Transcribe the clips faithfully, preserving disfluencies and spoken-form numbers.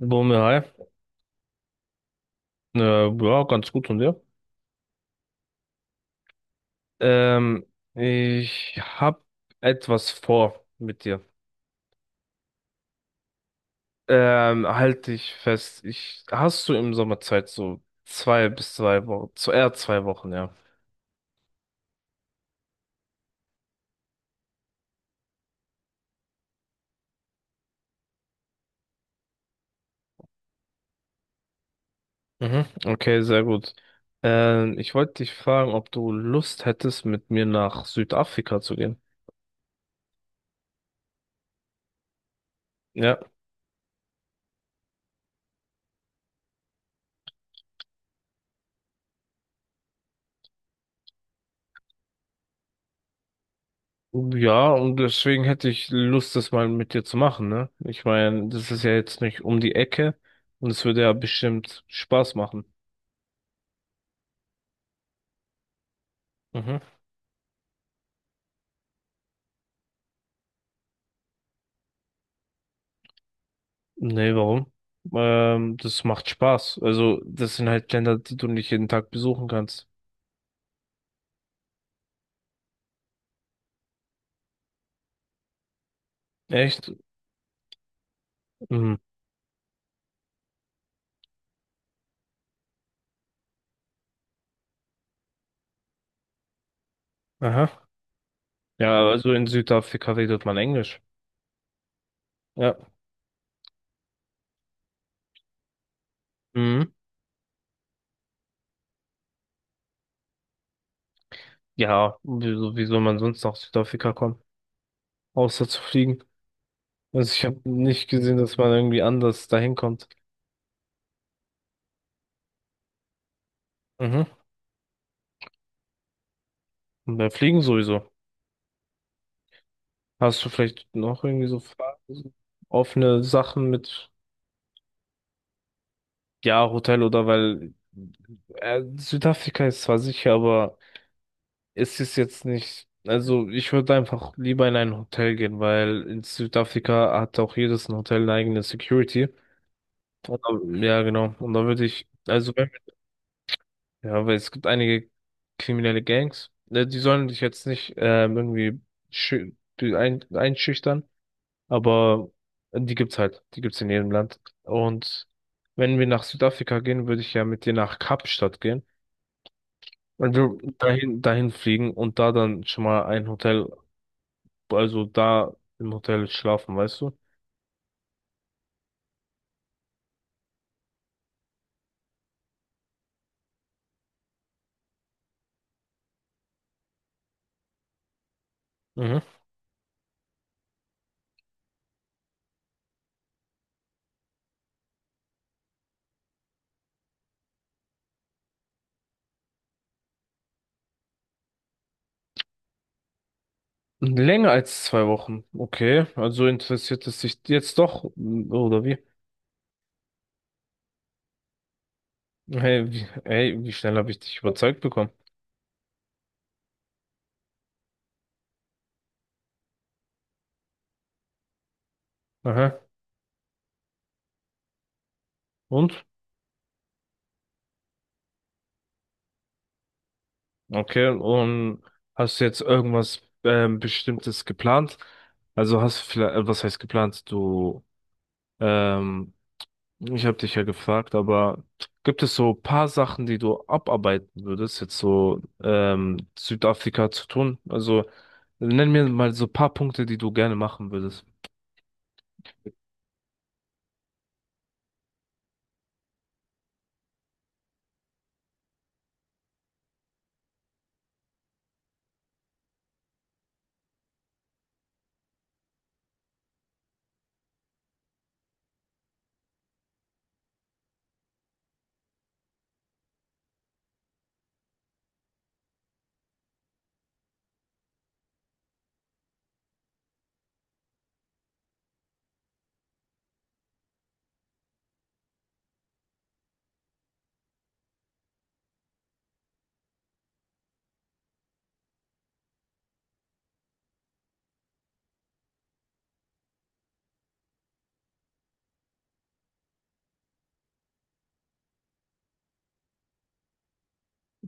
Bumi, hi. Äh, ja, ganz gut und dir? Ähm, ich habe etwas vor mit dir. Ähm, halt dich fest. Ich, hast du im Sommer Zeit, so zwei bis zwei Wochen, zu eher zwei Wochen, ja. Mhm. Okay, sehr gut. Ähm, ich wollte dich fragen, ob du Lust hättest, mit mir nach Südafrika zu gehen. Ja. Ja, und deswegen hätte ich Lust, das mal mit dir zu machen, ne? Ich meine, das ist ja jetzt nicht um die Ecke und es würde ja bestimmt Spaß machen. Mhm. Nee, warum? Ähm, das macht Spaß. Also, das sind halt Länder, die du nicht jeden Tag besuchen kannst. Echt? Mhm. Aha. Ja, also in Südafrika redet man Englisch. Ja. Mhm. Ja, wieso, wie soll man sonst nach Südafrika kommen? Außer zu fliegen. Also ich habe nicht gesehen, dass man irgendwie anders dahin kommt. Mhm. Und bei Fliegen sowieso. Hast du vielleicht noch irgendwie so Fragen, so offene Sachen mit, ja, Hotel oder weil äh, Südafrika ist zwar sicher, aber ist es jetzt nicht. Also ich würde einfach lieber in ein Hotel gehen, weil in Südafrika hat auch jedes ein Hotel eine eigene Security. Und, da- ja, genau. Und da würde ich, also wenn, ja, weil es gibt einige kriminelle Gangs, ne, die sollen dich jetzt nicht ähm, irgendwie schü- die ein, einschüchtern, aber die gibt's halt, die gibt's in jedem Land. Und wenn wir nach Südafrika gehen, würde ich ja mit dir nach Kapstadt gehen. Und wir dahin, dahin fliegen und da dann schon mal ein Hotel also da im Hotel schlafen, weißt du? Mhm. Länger als zwei Wochen. Okay, also interessiert es dich jetzt doch, oder wie? Hey, wie, hey, wie schnell habe ich dich überzeugt bekommen? Aha. Und? Okay, und hast du jetzt irgendwas ähm, Bestimmtes geplant? Also hast du vielleicht, äh, was heißt geplant? Du ähm, Ich habe dich ja gefragt, aber gibt es so paar Sachen, die du abarbeiten würdest, jetzt so ähm, Südafrika zu tun? Also nenn mir mal so paar Punkte, die du gerne machen würdest.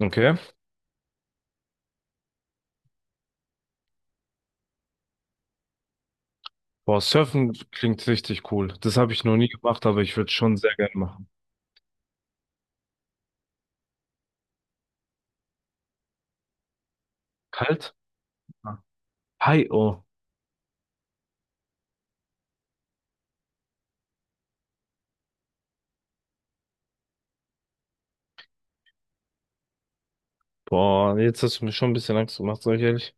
Okay. Boah, Surfen klingt richtig cool. Das habe ich noch nie gemacht, aber ich würde schon sehr gerne machen. Kalt? Ja. Hi, oh. Boah, jetzt hast du mir schon ein bisschen Angst gemacht, sag ich ehrlich.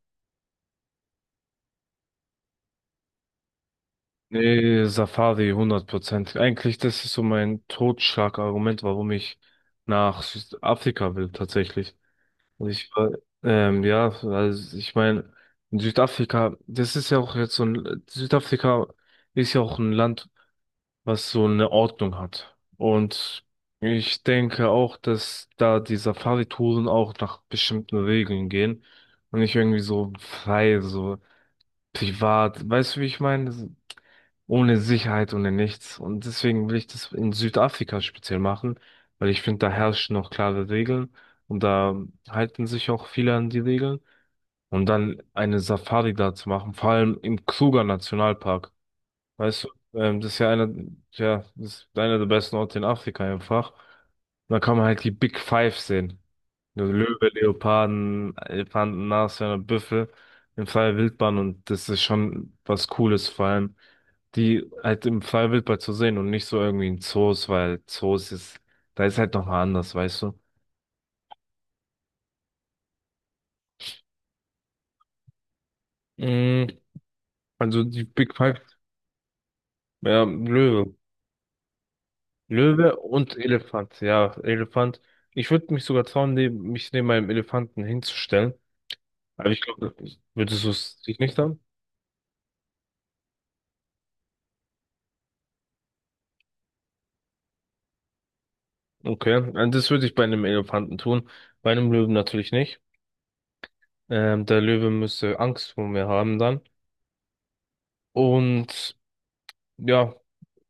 Nee, Safari hundert Prozent. Eigentlich, das ist so mein Totschlagargument, warum ich nach Südafrika will, tatsächlich. Also Ich war, ähm, ja, also ich meine, in Südafrika, das ist ja auch jetzt so ein, Südafrika ist ja auch ein Land, was so eine Ordnung hat. Und ich denke auch, dass da die Safari-Touren auch nach bestimmten Regeln gehen und nicht irgendwie so frei, so privat. Weißt du, wie ich meine? Ohne Sicherheit, ohne nichts. Und deswegen will ich das in Südafrika speziell machen, weil ich finde, da herrschen noch klare Regeln und da halten sich auch viele an die Regeln. Und dann eine Safari da zu machen, vor allem im Kruger Nationalpark. Weißt du, ähm, das ist ja einer, ja, das ist einer der besten Orte in Afrika einfach. Und da kann man halt die Big Five sehen. Also Löwe, Leoparden, Elefanten, Nashörner, Büffel in freier Wildbahn und das ist schon was Cooles, vor allem die halt im freier Wildbahn zu sehen und nicht so irgendwie in Zoos, weil Zoos ist, da ist halt nochmal anders, weißt du? Mm, also die Big Five, ja, Löwe. Löwe und Elefant, ja, Elefant. Ich würde mich sogar trauen, neben, mich neben meinem Elefanten hinzustellen. Aber ich glaube, würdest du es dich nicht trauen? Okay, also das würde ich bei einem Elefanten tun, bei einem Löwen natürlich nicht. Ähm, der Löwe müsste Angst vor mir haben dann. Und ja,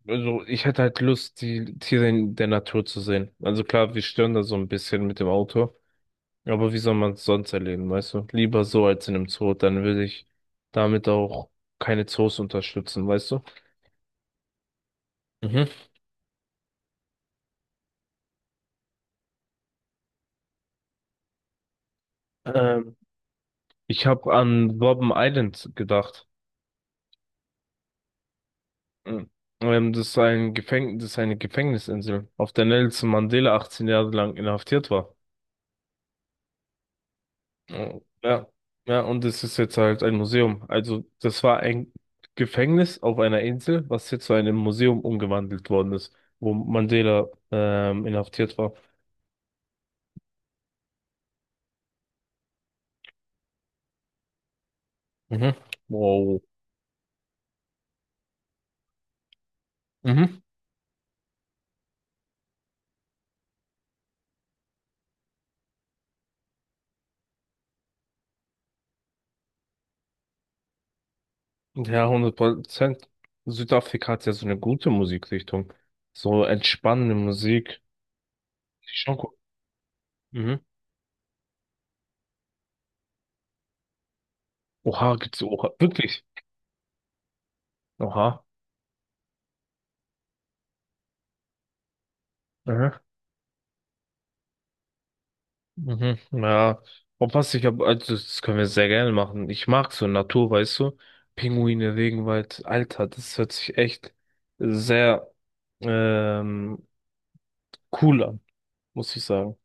also ich hätte halt Lust, die Tiere in der Natur zu sehen. Also klar, wir stören da so ein bisschen mit dem Auto, aber wie soll man es sonst erleben, weißt du? Lieber so als in einem Zoo, dann würde ich damit auch keine Zoos unterstützen, weißt du? Mhm. Ähm, ich habe an Robben Island gedacht. Mhm. Ähm, das ist ein Gefäng das ist eine Gefängnisinsel, auf der Nelson Mandela achtzehn Jahre lang inhaftiert war. Oh, ja, ja, und es ist jetzt halt ein Museum. Also, das war ein Gefängnis auf einer Insel, was jetzt zu einem Museum umgewandelt worden ist, wo Mandela ähm, inhaftiert war. Mhm. Wow. Mhm. Ja, hundert Prozent. Südafrika hat ja so eine gute Musikrichtung. So entspannende Musik. Die ist schon gut. Mhm. Oha, gibt's oha? Wirklich? Oha. Mhm. Mhm, ja, und was ich hab, also das können wir sehr gerne machen. Ich mag so Natur, weißt du? Pinguine, Regenwald, Alter, das hört sich echt sehr ähm, cool an, muss ich sagen.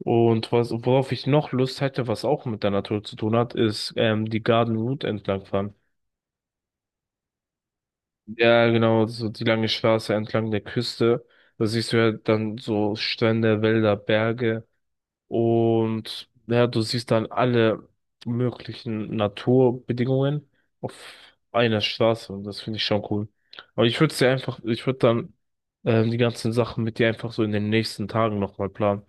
Und was, worauf ich noch Lust hätte, was auch mit der Natur zu tun hat, ist ähm, die Garden Route entlangfahren. Ja, genau, so die lange Straße entlang der Küste. Da siehst du ja dann so Strände, Wälder, Berge. Und ja, du siehst dann alle möglichen Naturbedingungen auf einer Straße und das finde ich schon cool. Aber ich würde es dir einfach, ich würde dann ähm, die ganzen Sachen mit dir einfach so in den nächsten Tagen nochmal planen.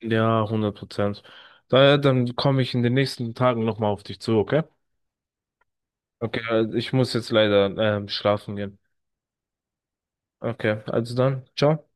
Ja, hundert Prozent. Daher, dann komme ich in den nächsten Tagen nochmal auf dich zu, okay? Okay, also ich muss jetzt leider ähm, schlafen gehen. Okay, also dann, ciao.